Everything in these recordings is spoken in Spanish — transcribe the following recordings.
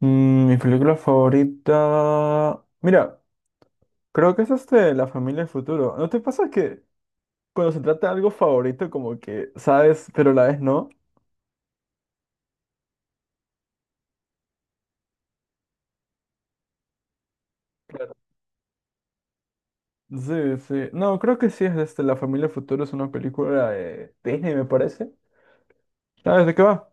Mm, mi película favorita. Mira, creo que es La familia del futuro. ¿No te pasa que cuando se trata de algo favorito, como que sabes, pero a la vez no? Claro. Sí, sí. No, creo que sí es La familia del futuro, es una película de Disney, me parece. ¿Sabes de qué va?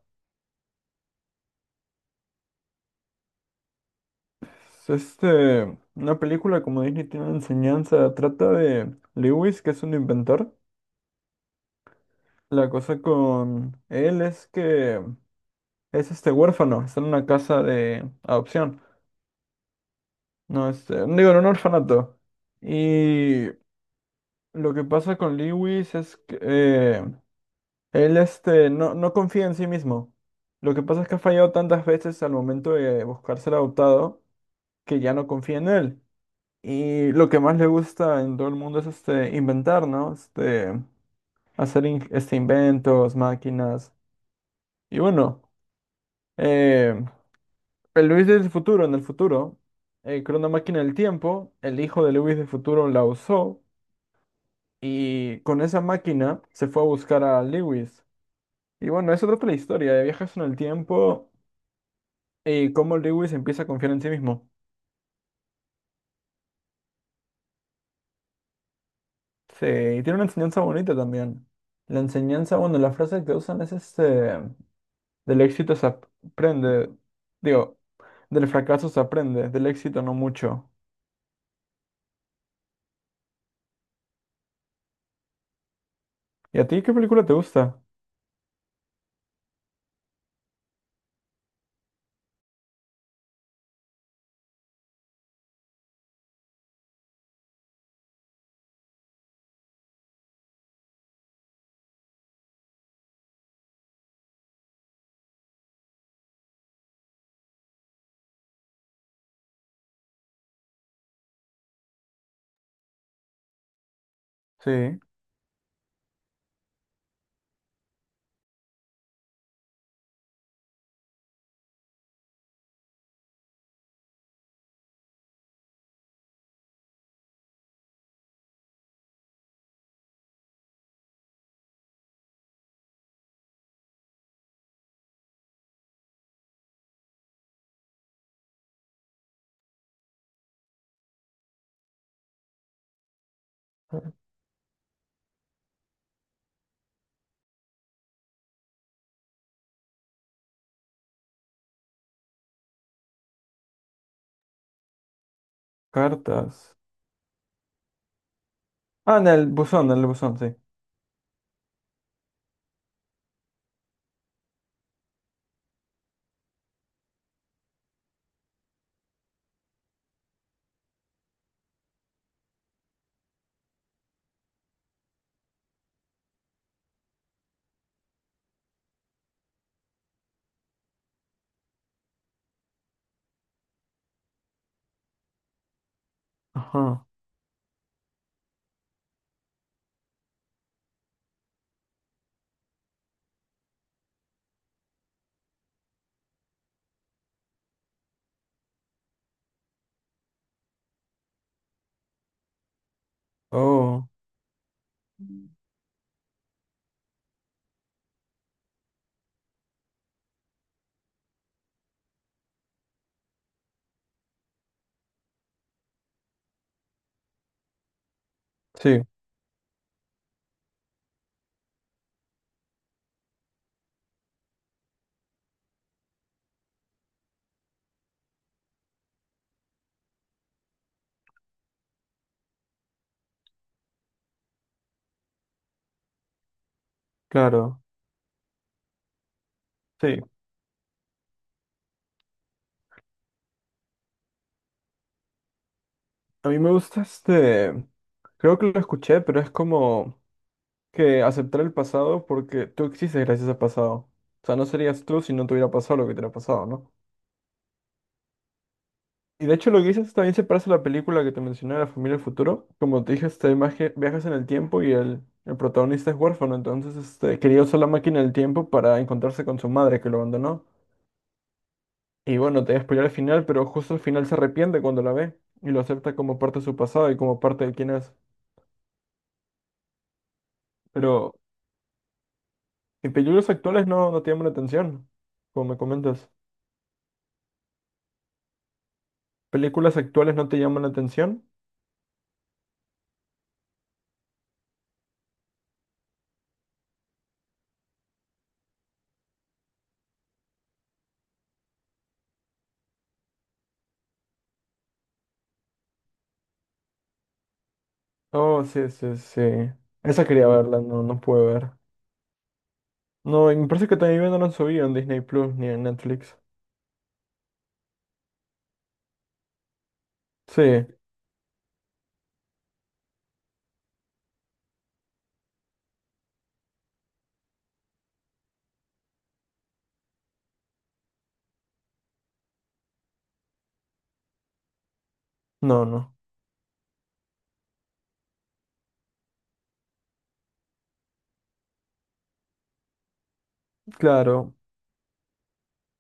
Es una película como Disney tiene una enseñanza, trata de Lewis, que es un inventor. La cosa con él es que es huérfano, está en una casa de adopción. No, digo, en un orfanato. Y lo que pasa con Lewis es que él, no, no confía en sí mismo. Lo que pasa es que ha fallado tantas veces al momento de buscar ser adoptado que ya no confía en él. Y lo que más le gusta en todo el mundo es inventar, ¿no? Hacer inventos, máquinas. Y bueno, eh, el Lewis del futuro, en el futuro, creó una máquina del tiempo. El hijo de Lewis del futuro la usó. Y con esa máquina se fue a buscar a Lewis. Y bueno, es otra la historia de viajes en el tiempo y cómo Lewis empieza a confiar en sí mismo. Sí, y tiene una enseñanza bonita también. La enseñanza, bueno, la frase que usan es del éxito se aprende, digo, del fracaso se aprende, del éxito no mucho. ¿Y a ti qué película te gusta? Sí, cartas. Ah, en el buzón, sí. Ajá. Oh, sí, claro. Sí, a mí me gusta creo que lo escuché, pero es como que aceptar el pasado porque tú existes gracias al pasado. O sea, no serías tú si no te hubiera pasado lo que te hubiera pasado, ¿no? Y de hecho lo que dices también se parece a la película que te mencioné, La familia del futuro. Como te dije, viajas en el tiempo y el protagonista es huérfano, entonces quería usar la máquina del tiempo para encontrarse con su madre que lo abandonó. Y bueno, te voy a spoiler al final, pero justo al final se arrepiente cuando la ve y lo acepta como parte de su pasado y como parte de quién es. Pero Y películas actuales no, no te llaman la atención, como me comentas. ¿Películas actuales no te llaman la atención? Oh, sí, sí, sí. Esa quería verla, no, no pude ver. No, y me parece que también no la han subido en Disney Plus ni en Netflix. Sí, no, no. Claro,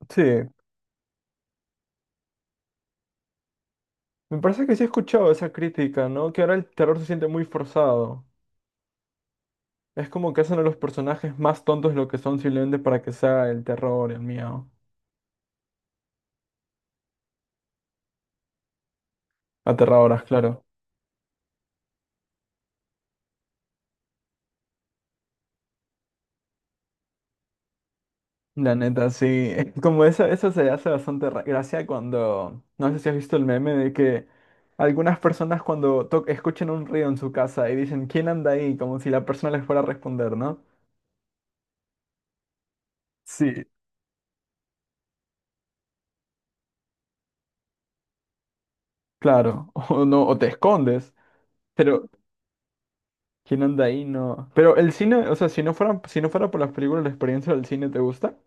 sí. Me parece que sí he escuchado esa crítica, ¿no? Que ahora el terror se siente muy forzado. Es como que hacen a los personajes más tontos de lo que son simplemente para que sea el terror, el miedo. Aterradoras, claro. La neta, sí. Como eso se hace bastante gracia cuando. No sé si has visto el meme de que algunas personas cuando escuchan un ruido en su casa y dicen, ¿quién anda ahí? Como si la persona les fuera a responder, ¿no? Sí. Claro. O no, o te escondes. Pero, ¿quién anda ahí? No. Pero el cine, o sea, si no fuera por las películas, ¿la experiencia del cine te gusta?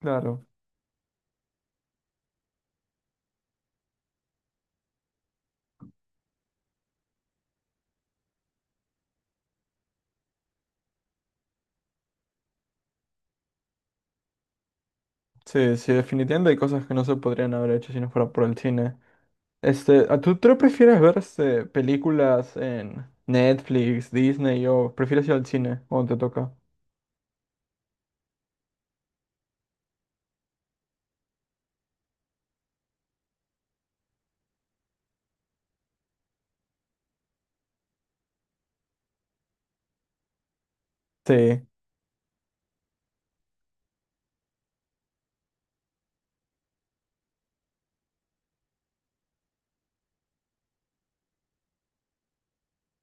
Claro. Sí, sí, definitivamente hay cosas que no se podrían haber hecho si no fuera por el cine. Este, ¿a ¿Tú prefieres ver películas en Netflix, Disney o prefieres ir al cine cuando te toca? Sí,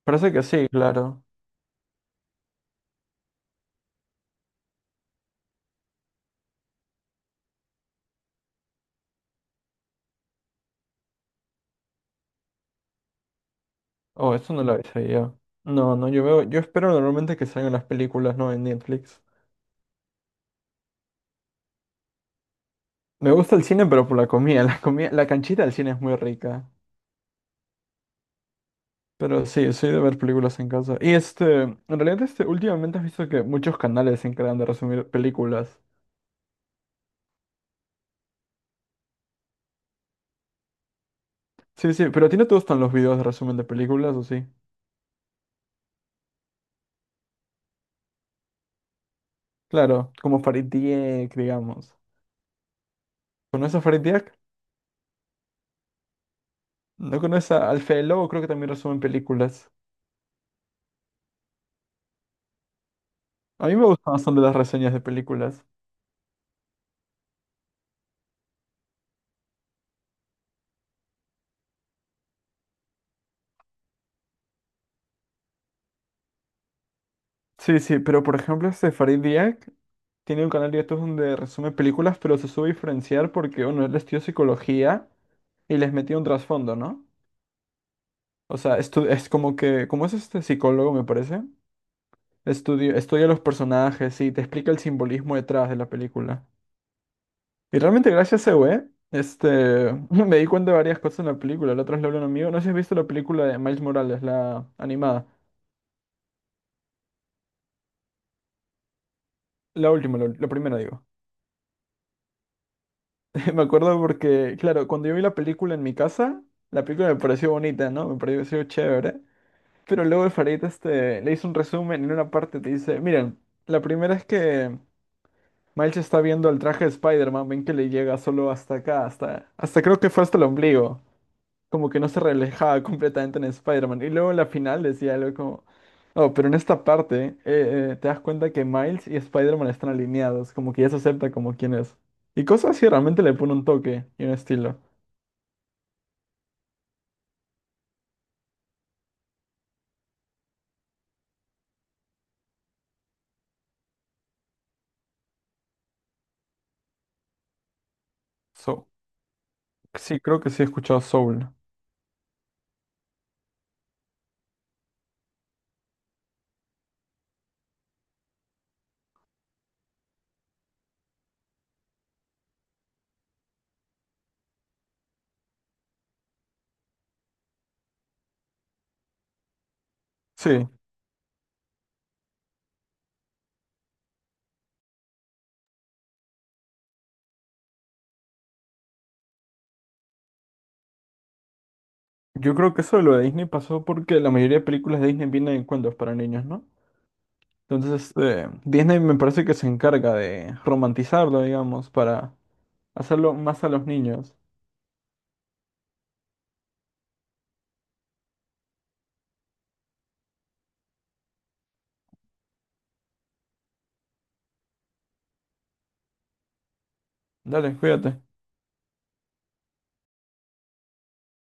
parece que sí, claro. Oh, eso no lo avisé yo. No, no, yo veo, yo espero normalmente que salgan las películas, ¿no? En Netflix. Me gusta el cine, pero por la comida, la comida, la canchita del cine es muy rica. Pero sí, soy de ver películas en casa. Y en realidad últimamente has visto que muchos canales se encargan de resumir películas. Sí, sí, pero ¿a ti no te gustan los videos de resumen de películas o sí? Claro, como Farid Dieck, digamos. ¿Conoces a Farid Dieck? ¿No conoces al Fede Lobo? Creo que también resumen películas. A mí me gustan bastante las reseñas de películas. Sí, sí, pero por ejemplo, este Farid Diak tiene un canal de YouTube donde resume películas, pero se sube diferenciar porque, bueno, él estudió psicología y les metió un trasfondo, ¿no? O sea, es como que, como es este psicólogo, me parece, estudia, estudia los personajes y te explica el simbolismo detrás de la película. Y realmente gracias a ese güey, me di cuenta de varias cosas en la película. La otra vez le hablé a un amigo. No sé si has visto la película de Miles Morales, la animada. La última, la primera digo. Me acuerdo porque, claro, cuando yo vi la película en mi casa, la película me pareció bonita, ¿no? Me pareció chévere. Pero luego el Farid, le hizo un resumen y en una parte te dice, miren, la primera es que Miles está viendo el traje de Spider-Man, ven que le llega solo hasta acá, hasta, creo que fue hasta el ombligo. Como que no se reflejaba completamente en Spider-Man. Y luego en la final decía algo como, oh, pero en esta parte te das cuenta que Miles y Spider-Man están alineados, como que ya se acepta como quien es. Y cosas así realmente le pone un toque y un estilo. So, sí, creo que sí he escuchado Soul. Sí, yo creo que eso de lo de Disney pasó porque la mayoría de películas de Disney vienen en cuentos para niños, ¿no? Entonces, Disney me parece que se encarga de romantizarlo, digamos, para hacerlo más a los niños. Dale, cuídate.